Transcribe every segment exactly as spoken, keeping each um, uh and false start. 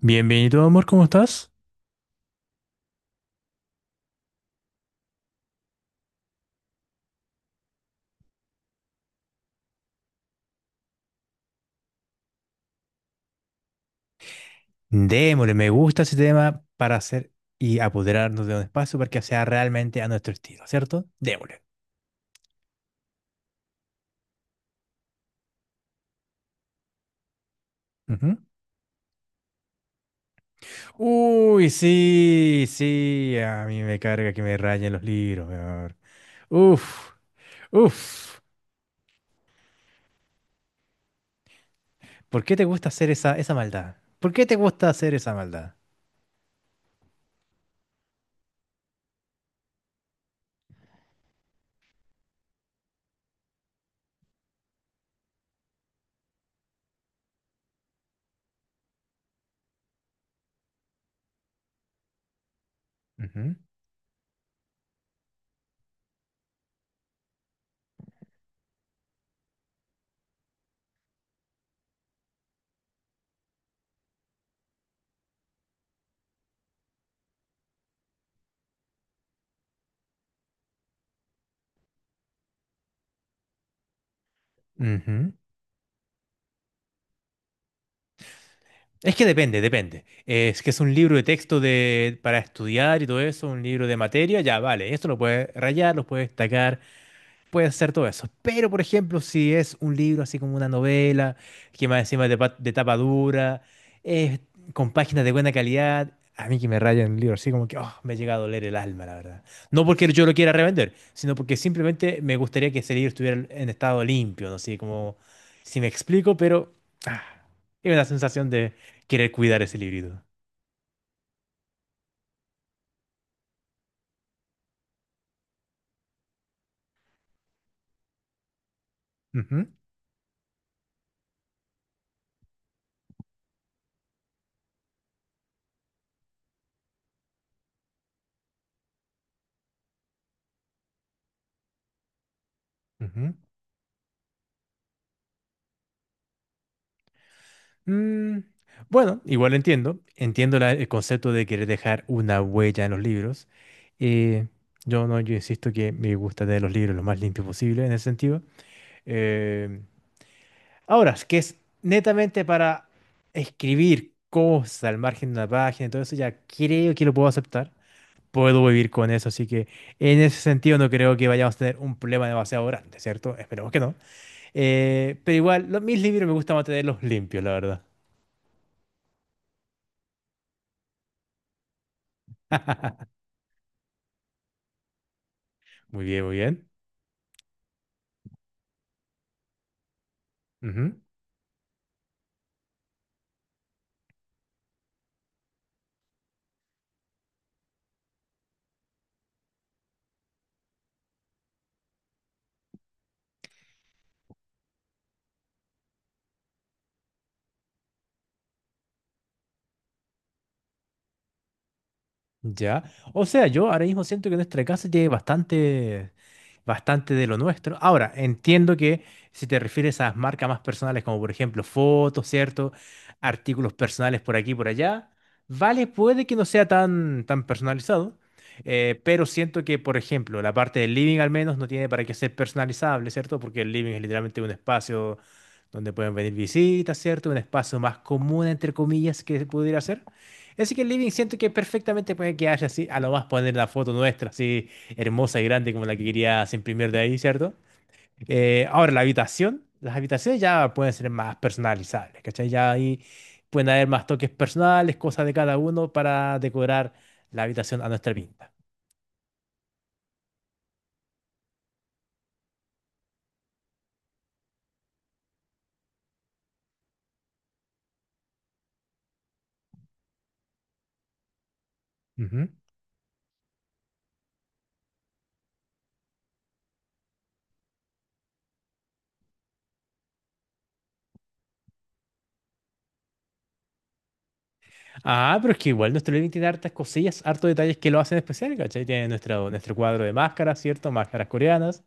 Bienvenido, amor, ¿cómo estás? Démosle, me gusta a ese tema para hacer y apoderarnos de un espacio para que sea realmente a nuestro estilo, ¿cierto? Démosle. Ujú. Uy, sí, sí, a mí me carga que me rayen los libros, mi amor. Uf, uf. ¿Por qué te gusta hacer esa, esa maldad? ¿Por qué te gusta hacer esa maldad? Ujú, ujú. Es que depende, depende. Es que es un libro de texto de, para estudiar y todo eso, un libro de materia, ya vale. Esto lo puedes rayar, lo puedes destacar, puede ser todo eso. Pero, por ejemplo, si es un libro así como una novela, que más encima es de, pa- de tapa dura, eh, con páginas de buena calidad, a mí que me rayan el libro, así como que oh, me llega a doler el alma, la verdad. No porque yo lo quiera revender, sino porque simplemente me gustaría que ese libro estuviera en estado limpio, no sé como si me explico, pero ah, es una sensación de querer cuidar ese librito. Ujú, ujú. Mm, bueno, igual entiendo. Entiendo la- el concepto de querer dejar una huella en los libros. Eh, yo no, yo insisto que me gusta tener los libros lo más limpios posible en ese sentido. Eh, ahora, es que es netamente para escribir cosas al margen de una página y todo eso, ya creo que lo puedo aceptar. Puedo vivir con eso, así que en ese sentido no creo que vayamos a tener un problema demasiado grande, ¿cierto? Esperemos que no. Eh, pero igual, lo- mis libros me gusta mantenerlos limpios, la verdad. Muy bien, muy bien. Ujú. Ya. O sea, yo ahora mismo siento que nuestra casa tiene bastante, bastante de lo nuestro. Ahora, entiendo que si te refieres a marcas más personales, como por ejemplo fotos, ¿cierto? Artículos personales por aquí y por allá, vale, puede que no sea tan, tan personalizado, eh, pero siento que, por ejemplo, la parte del living al menos no tiene para qué ser personalizable, ¿cierto? Porque el living es literalmente un espacio donde pueden venir visitas, ¿cierto? Un espacio más común, entre comillas, que pudiera ser. Así que el living siento que perfectamente puede quedarse así. A lo más poner la foto nuestra así hermosa y grande como la que querías imprimir de ahí, ¿cierto? Eh, ahora, la habitación. Las habitaciones ya pueden ser más personalizables, ¿cachai? Ya ahí pueden haber más toques personales, cosas de cada uno para decorar la habitación a nuestra pinta. Ujú. Ah, pero es que igual nuestro living tiene hartas cosillas, hartos detalles que lo hacen especial, ¿cachai? Tiene nuestro, nuestro cuadro de máscaras, ¿cierto? Máscaras coreanas.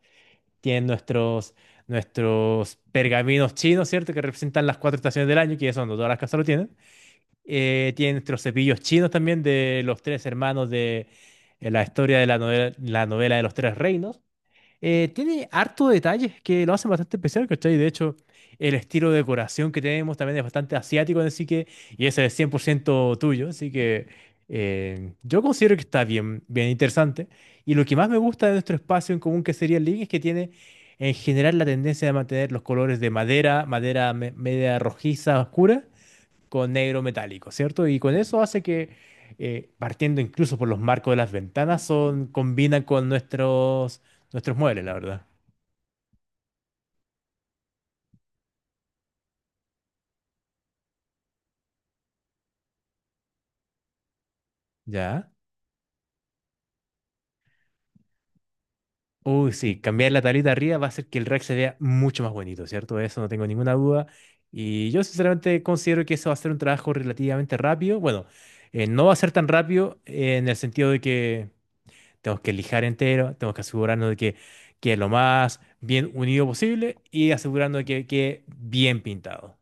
Tienen nuestros, nuestros pergaminos chinos, ¿cierto? Que representan las cuatro estaciones del año, que ya son, no todas las casas lo tienen. Eh, tienen nuestros cepillos chinos también de los tres hermanos de eh, la historia de la novela, la novela de los tres reinos. Eh, tiene harto detalles que lo hacen bastante especial, ¿cachai? De hecho, el estilo de decoración que tenemos también es bastante asiático, así que, y ese es cien por ciento tuyo, así que eh, yo considero que está bien, bien interesante. Y lo que más me gusta de nuestro espacio en común, que sería el living, es que tiene en general la tendencia de mantener los colores de madera, madera me- media rojiza, oscura, con negro metálico, ¿cierto? Y con eso hace que, eh, partiendo incluso por los marcos de las ventanas, son, combinan con nuestros, nuestros muebles, la verdad. ¿Ya? Uy, sí, cambiar la tablita arriba va a hacer que el rack se vea mucho más bonito, ¿cierto? De eso no tengo ninguna duda. Y yo sinceramente considero que eso va a ser un trabajo relativamente rápido. Bueno, eh, no va a ser tan rápido eh, en el sentido de que tenemos que lijar entero, tenemos que asegurarnos de que quede lo más bien unido posible y asegurarnos de que quede bien pintado.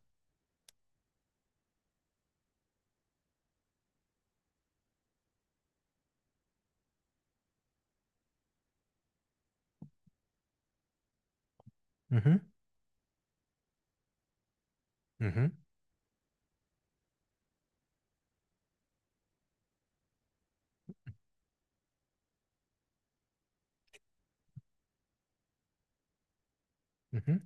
Ujú, ujú, ujú.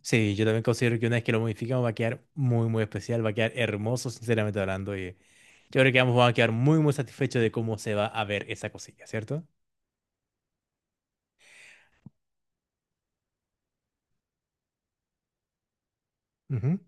Sí, yo también considero que una vez que lo modificamos va a quedar muy, muy especial, va a quedar hermoso, sinceramente hablando. Y yo creo que ambos van a quedar muy, muy satisfechos de cómo se va a ver esa cosilla, ¿cierto? Ujú,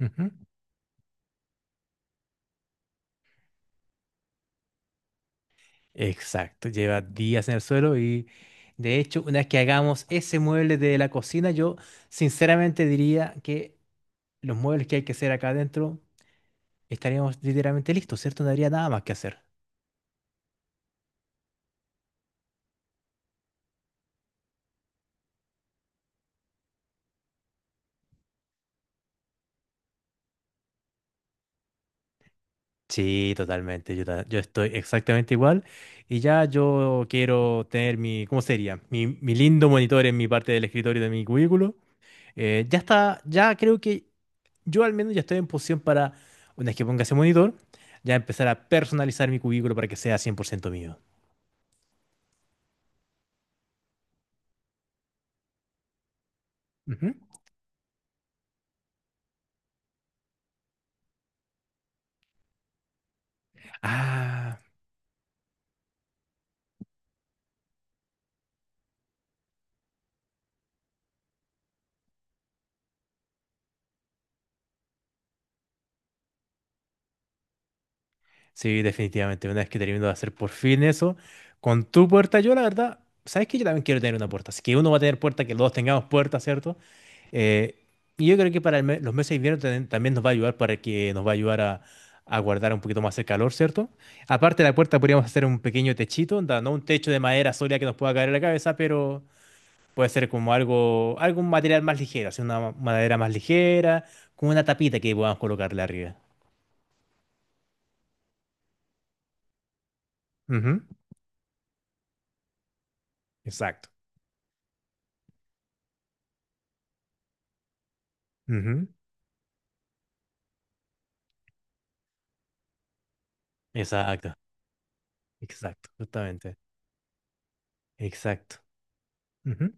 ujú. Exacto, lleva días en el suelo y de hecho, una vez que hagamos ese mueble de la cocina, yo sinceramente diría que los muebles que hay que hacer acá adentro estaríamos literalmente listos, ¿cierto? No habría nada más que hacer. Sí, totalmente. Yo, ta- yo estoy exactamente igual. Y ya yo quiero tener mi, ¿cómo sería? Mi, mi lindo monitor en mi parte del escritorio de mi cubículo. Eh, ya está, ya creo que yo al menos ya estoy en posición para, una vez que ponga ese monitor, ya empezar a personalizar mi cubículo para que sea cien por ciento mío. Ujú. Ah, sí, definitivamente. Una vez que termino de hacer por fin eso, con tu puerta, yo la verdad, ¿sabes que Yo también quiero tener una puerta. Así que uno va a tener puerta, que los dos tengamos puerta, ¿cierto? Eh, y yo creo que para el me- los meses de invierno también, también nos va a ayudar para que nos va a ayudar a, a guardar un poquito más el calor, ¿cierto? Aparte de la puerta podríamos hacer un pequeño techito, onda, no un techo de madera sólida que nos pueda caer en la cabeza, pero puede ser como algo, algún material más ligero, así una ma- madera más ligera, con una tapita que podamos colocarle arriba. Ujú. Exacto. Ujú. Exacto. Exacto. Justamente. Exacto. Ujú,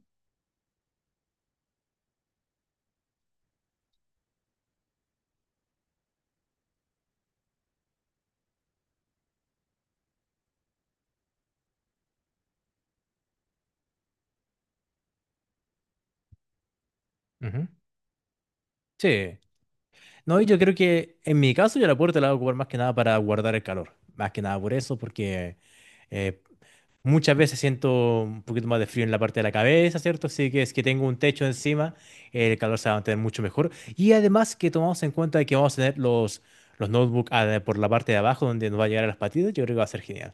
ujú. Sí. No, y yo creo que en mi caso yo la puerta la voy a ocupar más que nada para guardar el calor. Más que nada por eso, porque eh, muchas veces siento un poquito más de frío en la parte de la cabeza, ¿cierto? Así que es que tengo un techo encima, el calor se va a mantener mucho mejor. Y además que tomamos en cuenta que vamos a tener los, los notebooks ah, por la parte de abajo donde nos va a llegar a las patitas, yo creo que va a ser genial.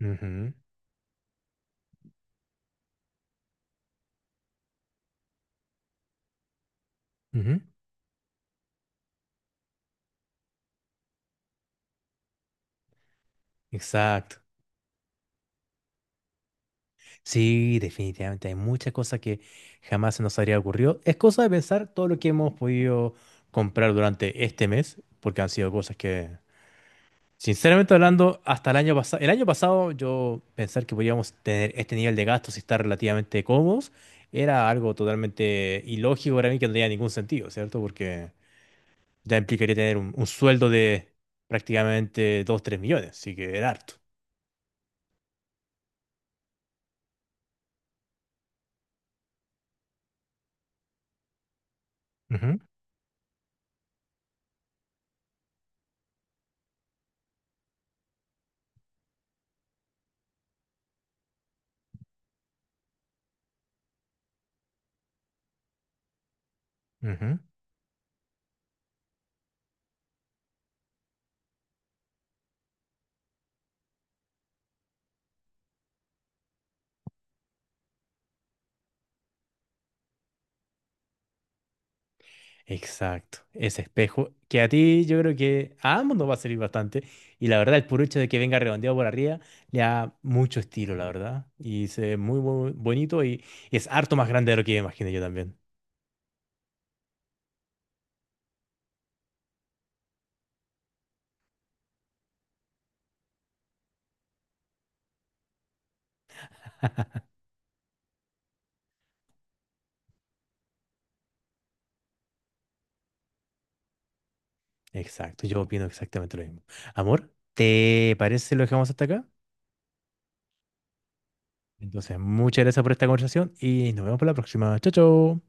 Ujú, ujú. Exacto. Sí, definitivamente hay muchas cosas que jamás se nos habría ocurrido. Es cosa de pensar todo lo que hemos podido comprar durante este mes, porque han sido cosas que, sinceramente hablando, hasta el año pasado, el año pasado yo pensar que podíamos tener este nivel de gastos y estar relativamente cómodos era algo totalmente ilógico para mí que no tenía ningún sentido, ¿cierto? Porque ya implicaría tener un, un sueldo de prácticamente dos tres millones, así que era harto. Ujú, ujú. Exacto, ese espejo que a ti yo creo que a ambos nos va a servir bastante y la verdad el puro hecho de que venga redondeado por arriba le da mucho estilo, la verdad, y se ve muy, bu- bonito y, y es harto más grande de lo que imaginé yo también. Exacto, yo opino exactamente lo mismo. Amor, ¿te parece si lo dejamos hasta acá? Entonces, muchas gracias por esta conversación y nos vemos para la próxima. Chao, chao.